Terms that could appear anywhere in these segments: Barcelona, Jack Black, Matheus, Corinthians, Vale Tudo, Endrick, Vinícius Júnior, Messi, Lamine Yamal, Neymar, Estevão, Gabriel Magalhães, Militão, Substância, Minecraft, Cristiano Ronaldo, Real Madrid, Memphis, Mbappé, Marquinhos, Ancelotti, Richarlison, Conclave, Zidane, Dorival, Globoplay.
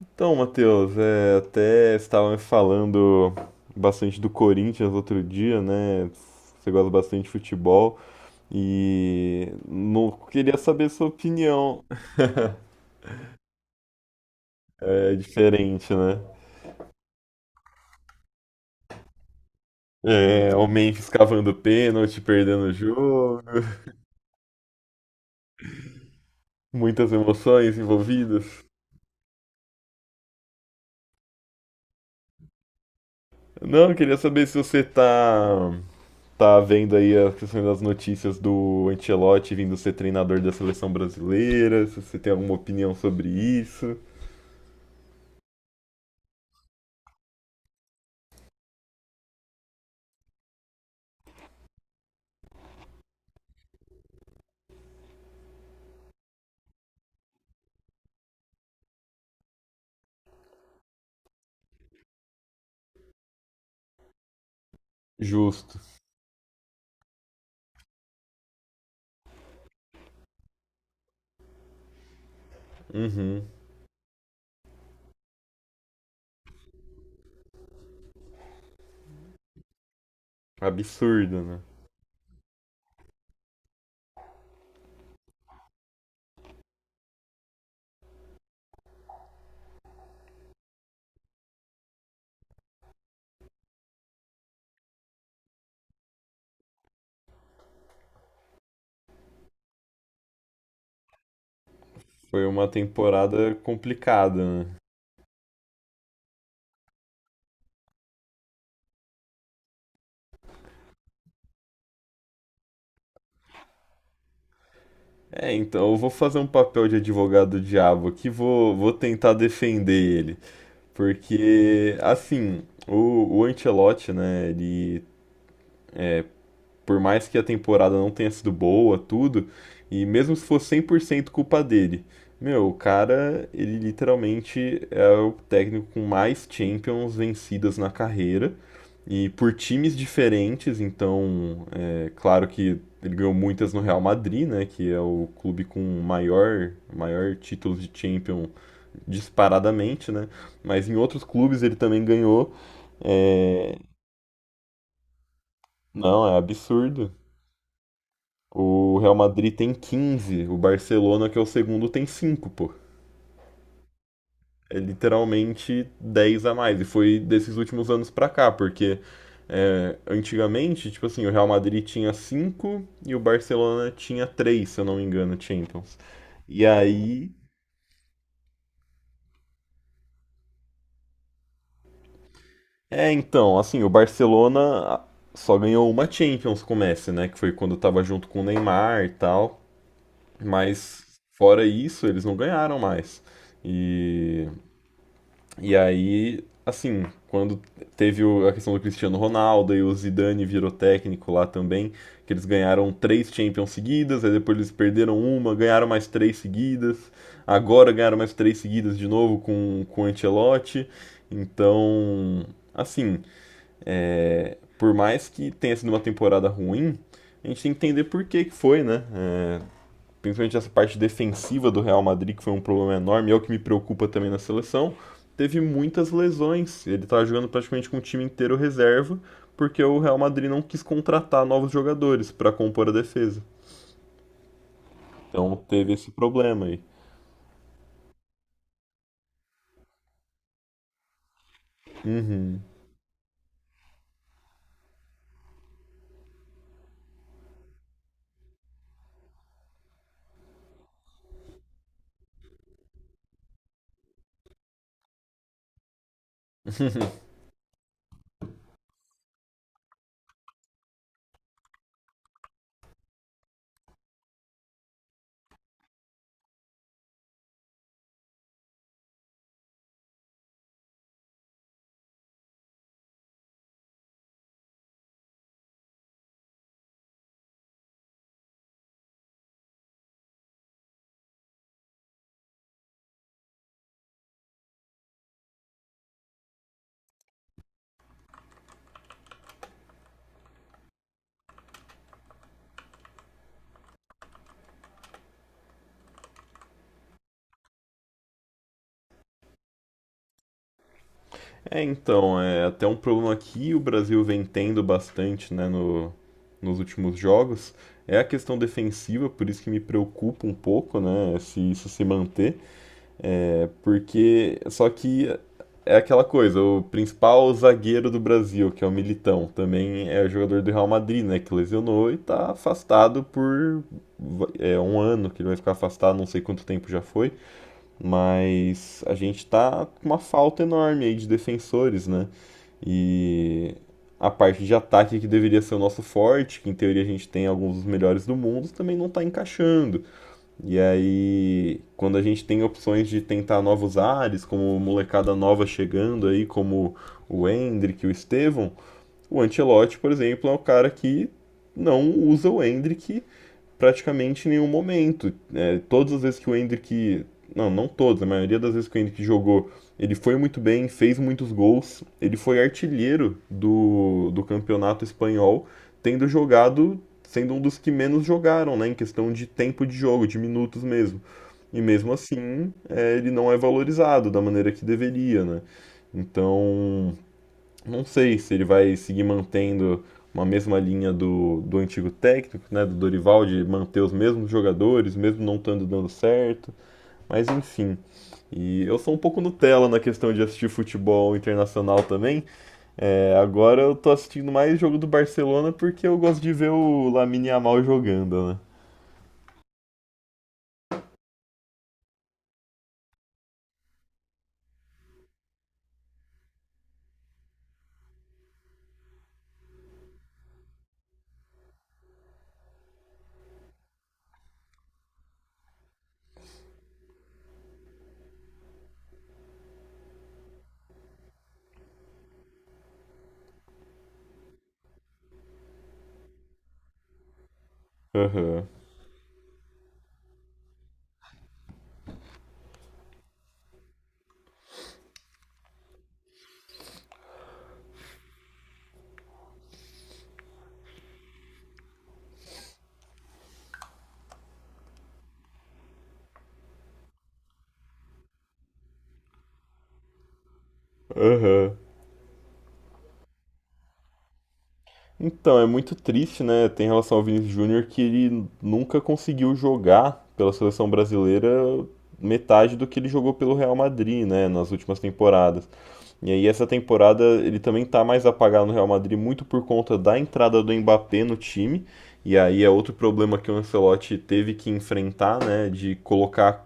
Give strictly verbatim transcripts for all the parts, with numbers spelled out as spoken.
Então, Matheus, é, até estava me falando bastante do Corinthians outro dia, né? Você gosta bastante de futebol e não queria saber sua opinião. É diferente, né? É, o Memphis cavando pênalti, perdendo o jogo, muitas emoções envolvidas. Não, eu queria saber se você tá tá vendo aí as questões das notícias do Ancelotti vindo ser treinador da seleção brasileira, se você tem alguma opinião sobre isso. Justo. Uhum. Absurdo, né? Foi uma temporada complicada, né? É, então eu vou fazer um papel de advogado do diabo aqui, vou, vou tentar defender ele. Porque, assim, o, o Ancelotti, né, ele, é, Por mais que a temporada não tenha sido boa, tudo, e mesmo se fosse cem por cento culpa dele, meu, o cara, ele literalmente é o técnico com mais Champions vencidas na carreira e por times diferentes, então, é, claro que ele ganhou muitas no Real Madrid, né, que é o clube com maior, maior título de Champions disparadamente, né, mas em outros clubes ele também ganhou. É, não, é absurdo. O Real Madrid tem quinze, o Barcelona, que é o segundo, tem cinco, pô. É literalmente dez a mais. E foi desses últimos anos pra cá, porque é, antigamente, tipo assim, o Real Madrid tinha cinco e o Barcelona tinha três, se eu não me engano, Champions. E aí. É, então, assim, o Barcelona ah, só ganhou uma Champions com o Messi, né? Que foi quando tava junto com o Neymar e tal. Mas fora isso, eles não ganharam mais. E E aí, assim, quando teve o- a questão do Cristiano Ronaldo e o Zidane virou técnico lá também, que eles ganharam três Champions seguidas, aí depois eles perderam uma, ganharam mais três seguidas, agora ganharam mais três seguidas de novo com, com o Ancelotti. Então, assim, por mais que tenha sido uma temporada ruim, a gente tem que entender por que que foi, né? É, principalmente essa parte defensiva do Real Madrid, que foi um problema enorme, é o que me preocupa também na seleção, teve muitas lesões. Ele estava jogando praticamente com o time inteiro reserva, porque o Real Madrid não quis contratar novos jogadores para compor a defesa. Então teve esse problema aí. Uhum. É, então, é até um problema que o Brasil vem tendo bastante, né, no, nos últimos jogos. É a questão defensiva, por isso que me preocupa um pouco, né, se isso se manter. É, porque. Só que é aquela coisa, o principal zagueiro do Brasil, que é o Militão, também é jogador do Real Madrid, né? Que lesionou e tá afastado por é, um ano, que ele vai ficar afastado, não sei quanto tempo já foi. Mas a gente tá com uma falta enorme aí de defensores, né? E a parte de ataque que deveria ser o nosso forte, que em teoria a gente tem alguns dos melhores do mundo, também não tá encaixando. E aí, quando a gente tem opções de tentar novos ares, como molecada nova chegando aí, como o Endrick, o Estevão, o Ancelotti, por exemplo, é o cara que não usa o Endrick praticamente em nenhum momento. É, todas as vezes que o Endrick... Não, não todas, a maioria das vezes que o Endrick jogou, ele foi muito bem, fez muitos gols. Ele foi artilheiro do, do campeonato espanhol, tendo jogado, sendo um dos que menos jogaram, né? Em questão de tempo de jogo, de minutos mesmo. E mesmo assim, é, ele não é valorizado da maneira que deveria, né? Então, não sei se ele vai seguir mantendo uma mesma linha do, do antigo técnico, né, do Dorival, de manter os mesmos jogadores, mesmo não estando dando certo, mas enfim. E eu sou um pouco Nutella na questão de assistir futebol internacional também. É, agora eu tô assistindo mais jogo do Barcelona porque eu gosto de ver o Lamine Yamal jogando, né? Aham. Aham. Então, é muito triste, né? Tem relação ao Vinícius Júnior que ele nunca conseguiu jogar pela seleção brasileira metade do que ele jogou pelo Real Madrid, né? Nas últimas temporadas. E aí, essa temporada ele também tá mais apagado no Real Madrid, muito por conta da entrada do Mbappé no time. E aí é outro problema que o Ancelotti teve que enfrentar, né? De colocar,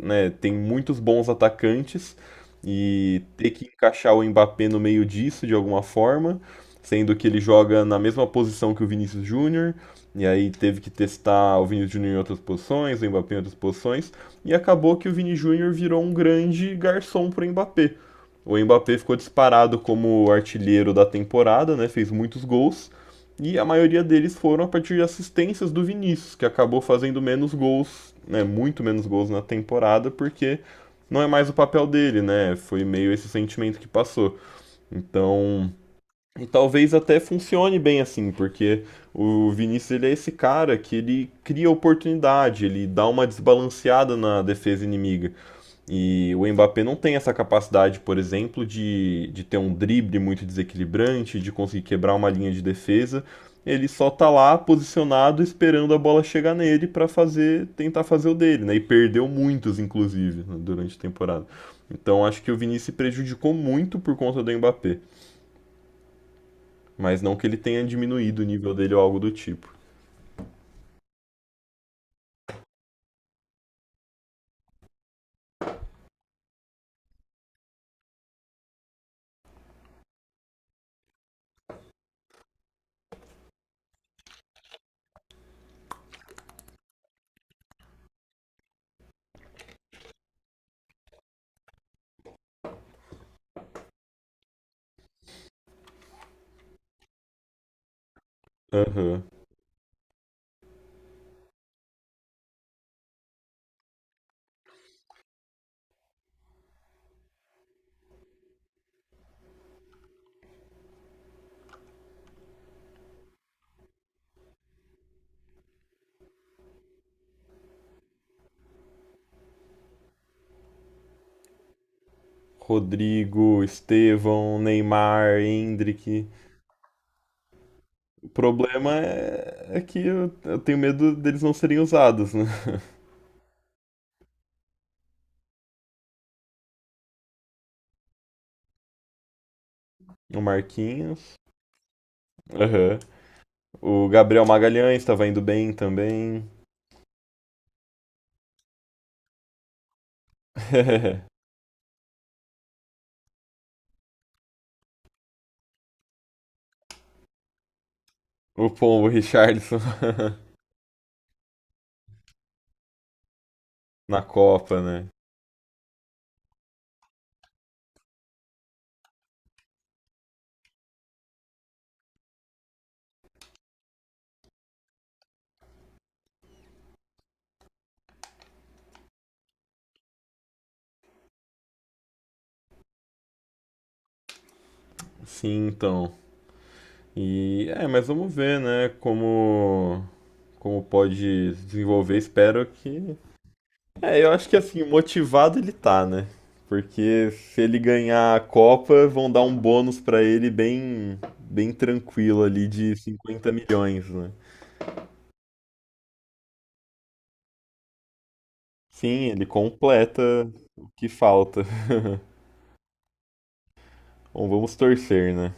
né, tem muitos bons atacantes e ter que encaixar o Mbappé no meio disso de alguma forma, sendo que ele joga na mesma posição que o Vinícius Júnior, e aí teve que testar o Vinícius Júnior em outras posições, o Mbappé em outras posições, e acabou que o Vini Júnior virou um grande garçom para o Mbappé. O Mbappé ficou disparado como artilheiro da temporada, né, fez muitos gols, e a maioria deles foram a partir de assistências do Vinícius, que acabou fazendo menos gols, né, muito menos gols na temporada, porque não é mais o papel dele, né? Foi meio esse sentimento que passou. Então, e talvez até funcione bem assim, porque o Vinícius ele é esse cara que ele cria oportunidade, ele dá uma desbalanceada na defesa inimiga. E o Mbappé não tem essa capacidade, por exemplo, de, de ter um drible muito desequilibrante, de conseguir quebrar uma linha de defesa. Ele só tá lá posicionado esperando a bola chegar nele para fazer, tentar fazer o dele, né? E perdeu muitos, inclusive, né, durante a temporada. Então acho que o Vinícius se prejudicou muito por conta do Mbappé, mas não que ele tenha diminuído o nível dele ou algo do tipo. Aham. Uhum. Rodrigo, Estevão, Neymar, Hendrick. O problema é, é que eu, eu tenho medo deles não serem usados, né? O Marquinhos. Aham. O Gabriel Magalhães tava indo bem também. O Pombo. Richarlison. Na Copa, né? Sim, então. E é, mas vamos ver, né? Como, como pode desenvolver. Espero que... É, eu acho que assim, motivado ele tá, né? Porque se ele ganhar a Copa, vão dar um bônus pra ele bem, bem tranquilo ali de cinquenta milhões, né? Sim, ele completa o que falta. Bom, vamos torcer, né?